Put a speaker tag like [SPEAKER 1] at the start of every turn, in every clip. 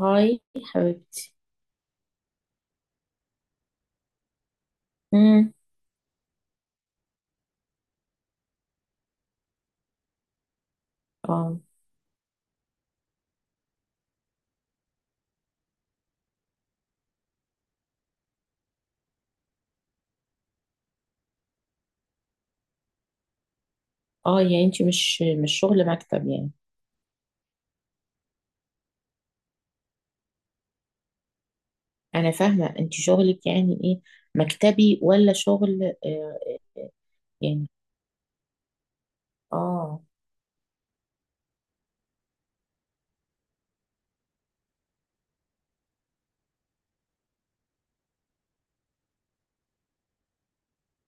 [SPEAKER 1] هاي حبيبتي. امم اه اه يعني انت مش شغل مكتب يعني؟ انا فاهمه، انت شغلك يعني ايه، مكتبي ولا شغل؟ آه، يعني اه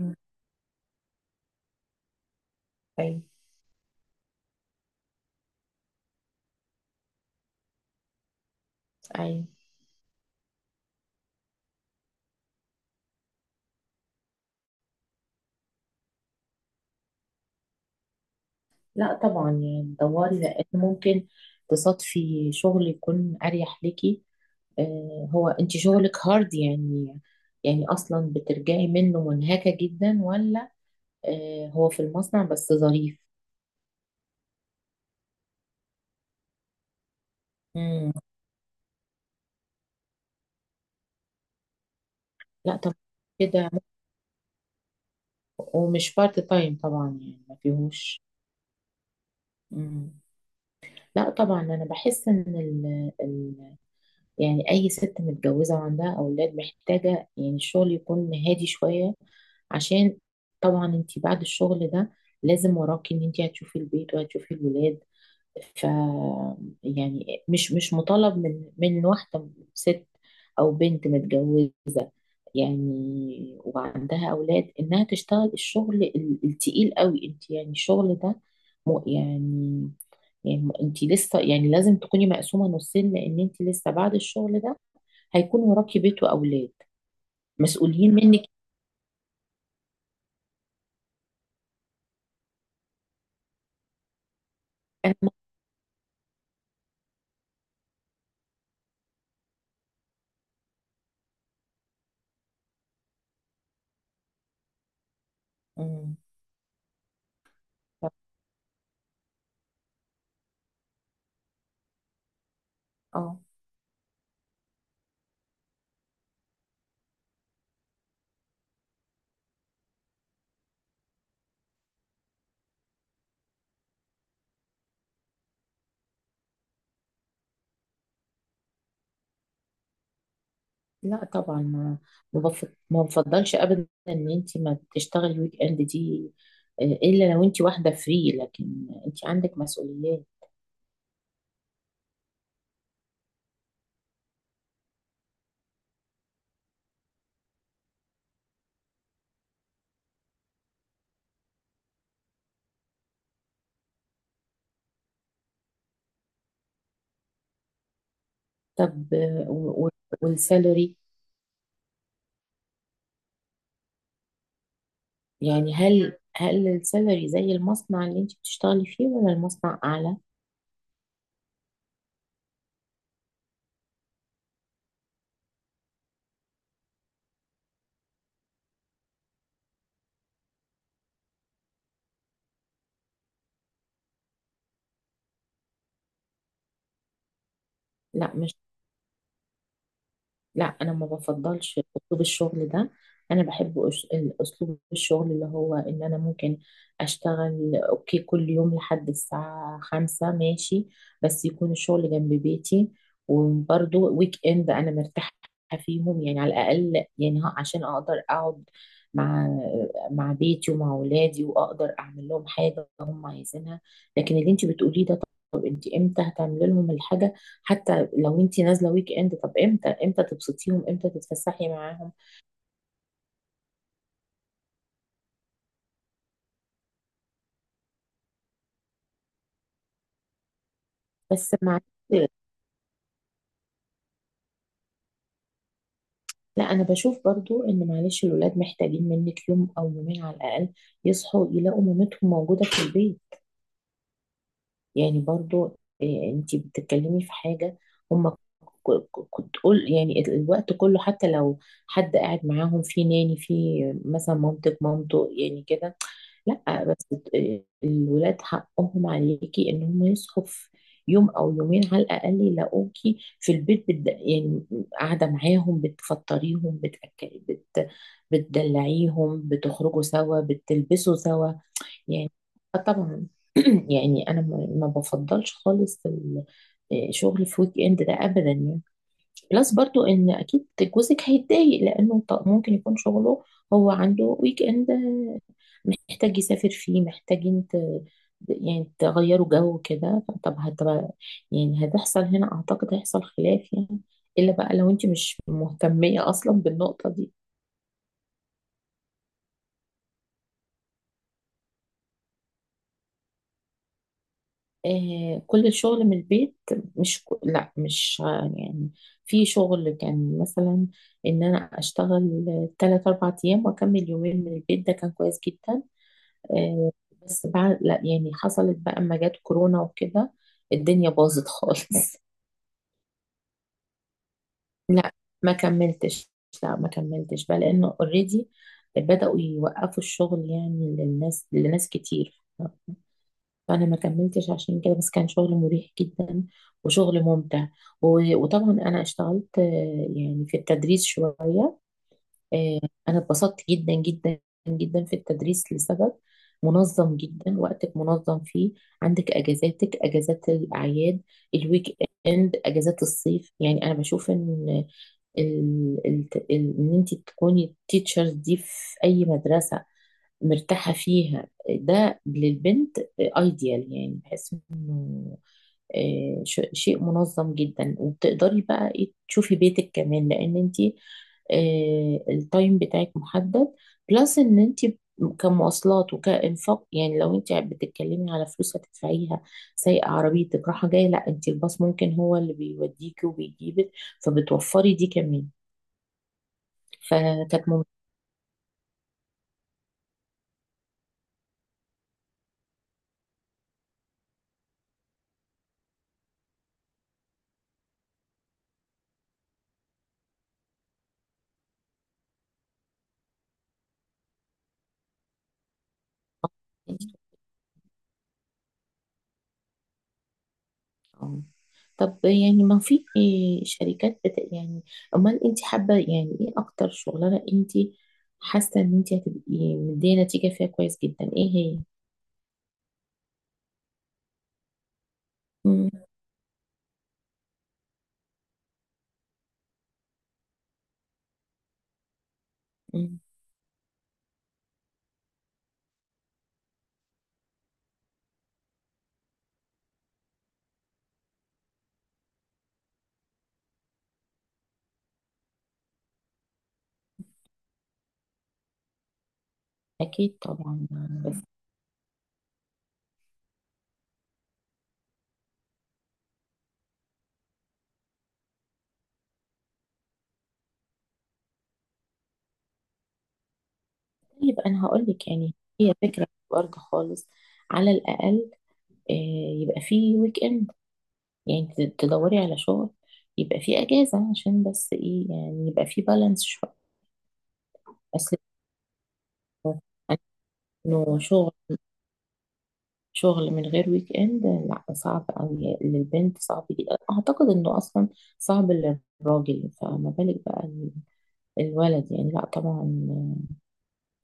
[SPEAKER 1] مم. اي، اي. لا طبعا يعني دوري، لان ممكن تصادفي شغل يكون اريح ليكي. آه، هو انت شغلك هارد يعني؟ يعني اصلا بترجعي منه منهكه جدا ولا؟ آه، هو في المصنع بس ظريف؟ امم لا طبعا كده. ومش بارت تايم طبعا، يعني ما فيهوش. مم. لا طبعا، انا بحس ان ال ال يعني اي ست متجوزه وعندها اولاد محتاجه يعني الشغل يكون هادي شويه. عشان طبعا انت بعد الشغل ده لازم وراكي ان انت هتشوفي البيت وهتشوفي الولاد. ف يعني مش مطالب من واحدة ست أو بنت متجوزة يعني وعندها أولاد إنها تشتغل الشغل التقيل قوي. أنت يعني الشغل ده، م- يعني يعني أنت لسه يعني لازم تكوني مقسومة نصين، لأن أنت لسه بعد الشغل ده هيكون وراكي بيت وأولاد مسؤولين منك. أهم مم. ف- اه لا طبعا، ما بف- ما بفضلش ابدا ان انت ما تشتغلي ويك اند دي، آه، الا لو انت واحده فري، لكن انت عندك مسؤوليات. طب، والسالري؟ يعني، هل السالري زي المصنع اللي انت بتشتغلي فيه ولا المصنع اعلى؟ لا، لا، انا ما بفضلش اسلوب الشغل ده. انا بحب اسلوب الشغل اللي هو ان انا ممكن اشتغل، اوكي، كل يوم لحد الساعة 5، ماشي، بس يكون الشغل جنب بيتي. وبرضه ويك اند انا مرتاحة فيهم، يعني على الاقل يعني عشان اقدر اقعد مع مع بيتي ومع اولادي، واقدر اعمل لهم حاجة هم عايزينها. لكن اللي انت بتقوليه ده، طب انت امتى هتعملي لهم الحاجة؟ حتى لو انت نازله ويك اند، طب امتى، تبسطيهم، امتى تتفسحي معاهم؟ بس مع لا، انا بشوف برضو ان معلش الولاد محتاجين منك يوم او يومين على الاقل، يصحوا يلاقوا مامتهم موجوده في البيت. يعني برضو، آه، انت بتتكلمي في حاجة؟ هم كنت قول يعني الوقت كله، حتى لو حد قاعد معاهم، في ناني، في مثلا مامتك، مامته، يعني كده. لا بس الولاد حقهم عليكي ان هم يصحوا في يوم او يومين على الاقل، يلاقوكي في البيت يعني قاعده معاهم، بتفطريهم، بتدلعيهم، بتخرجوا سوا، بتلبسوا سوا. يعني، آه طبعا. يعني انا ما بفضلش خالص شغل في ويك اند ده ابدا يعني. بلس برضو ان اكيد جوزك هيتضايق، لانه ممكن يكون شغله، هو عنده ويك اند، محتاج يسافر فيه، محتاجين يعني تغيروا جو كده. طب هتبقى، يعني هتحصل هنا، اعتقد هيحصل خلاف يعني، الا بقى لو انت مش مهتمية اصلا بالنقطة دي. آه، كل الشغل من البيت. مش ك- لا، مش، يعني في شغل كان مثلا ان انا اشتغل ثلاث اربع ايام واكمل يومين من البيت، ده كان كويس جدا. آه، بس بعد، لا يعني حصلت بقى اما جت كورونا وكده الدنيا باظت خالص. لا، ما كملتش. لا، ما كملتش بقى لانه اوريدي بدأوا يوقفوا الشغل يعني للناس، لناس كتير. فانا ما كملتش عشان كده، بس كان شغل مريح جدا وشغل ممتع. و- وطبعا انا اشتغلت، يعني في التدريس شويه. آه، انا اتبسطت جدا جدا جدا في التدريس، لسبب منظم جدا، وقتك منظم فيه، عندك اجازاتك، اجازات الاعياد، الويك اند، اجازات الصيف. يعني انا بشوف ان ال- ال- ان انت تكوني التيتشرز دي في اي مدرسة مرتاحة فيها، ده للبنت ايديال، يعني بحس انه، شيء منظم جدا، وبتقدري بقى ايه تشوفي بيتك كمان، لان انت التايم بتاعك محدد. بلس ان انت كمواصلات وكإنفاق، يعني لو انت بتتكلمي على فلوس هتدفعيها، سايقة عربيتك رايحة جاية، لا، انت الباص ممكن هو اللي بيوديكي وبيجيبك، فبتوفري دي كمان، فكانت ممتازة. طب يعني، ما في شركات يعني، امال انت حابه يعني ايه اكتر شغلانه انت حاسه ان انت هتبقي مديه نتيجه فيها كويس جدا، ايه هي؟ مم. مم. اكيد طبعا، بس يبقى انا هقول لك، يعني هي فكره برضه، خالص، على الاقل آه، يبقى في ويك اند. يعني تدوري على شغل يبقى في اجازه، عشان بس ايه، يعني يبقى في بالانس شويه. بس انه شغل، شغل من غير ويك اند، لا، صعب قوي للبنت، صعب جدا اعتقد انه اصلا صعب للراجل، فما بالك بقى الولد يعني. لا طبعا،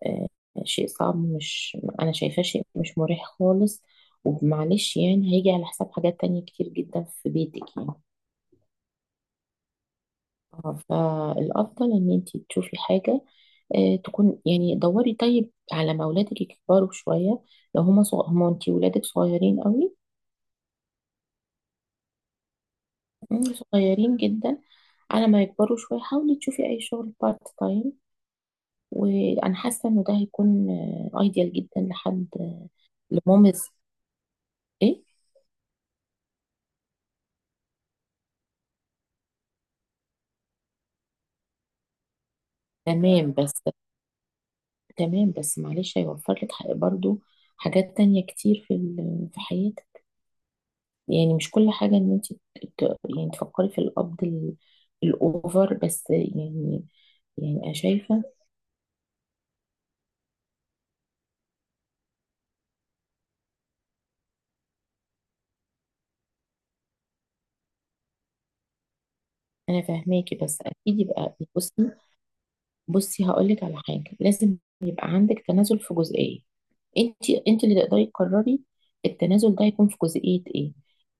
[SPEAKER 1] آه، شيء صعب، مش، انا شايفاه شيء مش مريح خالص، ومعلش يعني هيجي على حساب حاجات تانية كتير جدا في بيتك يعني. فالافضل ان انت تشوفي حاجة تكون، يعني دوري طيب على ما اولادك يكبروا شوية. لو هما، انتي ولادك صغيرين قوي، مم، صغيرين جدا. على ما يكبروا شوية، حاولي تشوفي أي شغل بارت تايم، وأنا حاسة إنه ده هيكون أيديال جدا لحد لمامز. إيه؟ تمام، بس، تمام بس معلش هيوفر لك برضو حاجات تانية كتير في في حياتك. يعني مش كل حاجة إن أنت يعني تفكري في القبض الأوفر بس، يعني. يعني أنا شايفة. أنا فاهماكي، بس أكيد يبقى، بصي، بصي هقولك على حاجة، لازم يبقى عندك تنازل في جزئية. انت اللي تقدري تقرري التنازل ده هيكون في جزئية ايه.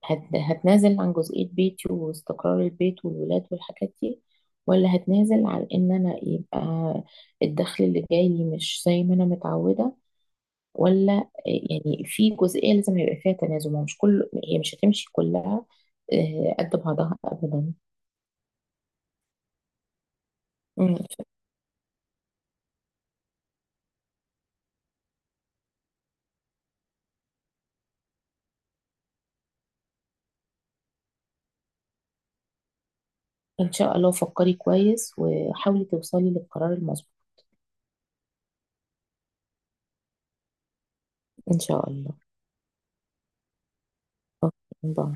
[SPEAKER 1] هتنازل عن جزئية بيتي واستقرار البيت والولاد والحاجات دي، ولا هتنازل عن ان انا يبقى الدخل اللي جاي لي مش زي ما انا متعودة، ولا يعني في جزئية لازم يبقى فيها تنازل. ما هو مش كل، هي مش هتمشي كلها، قد بعضها ابدا. مم. ان شاء الله، فكري كويس وحاولي توصلي للقرار المظبوط. إن شاء الله. أوكي، باي.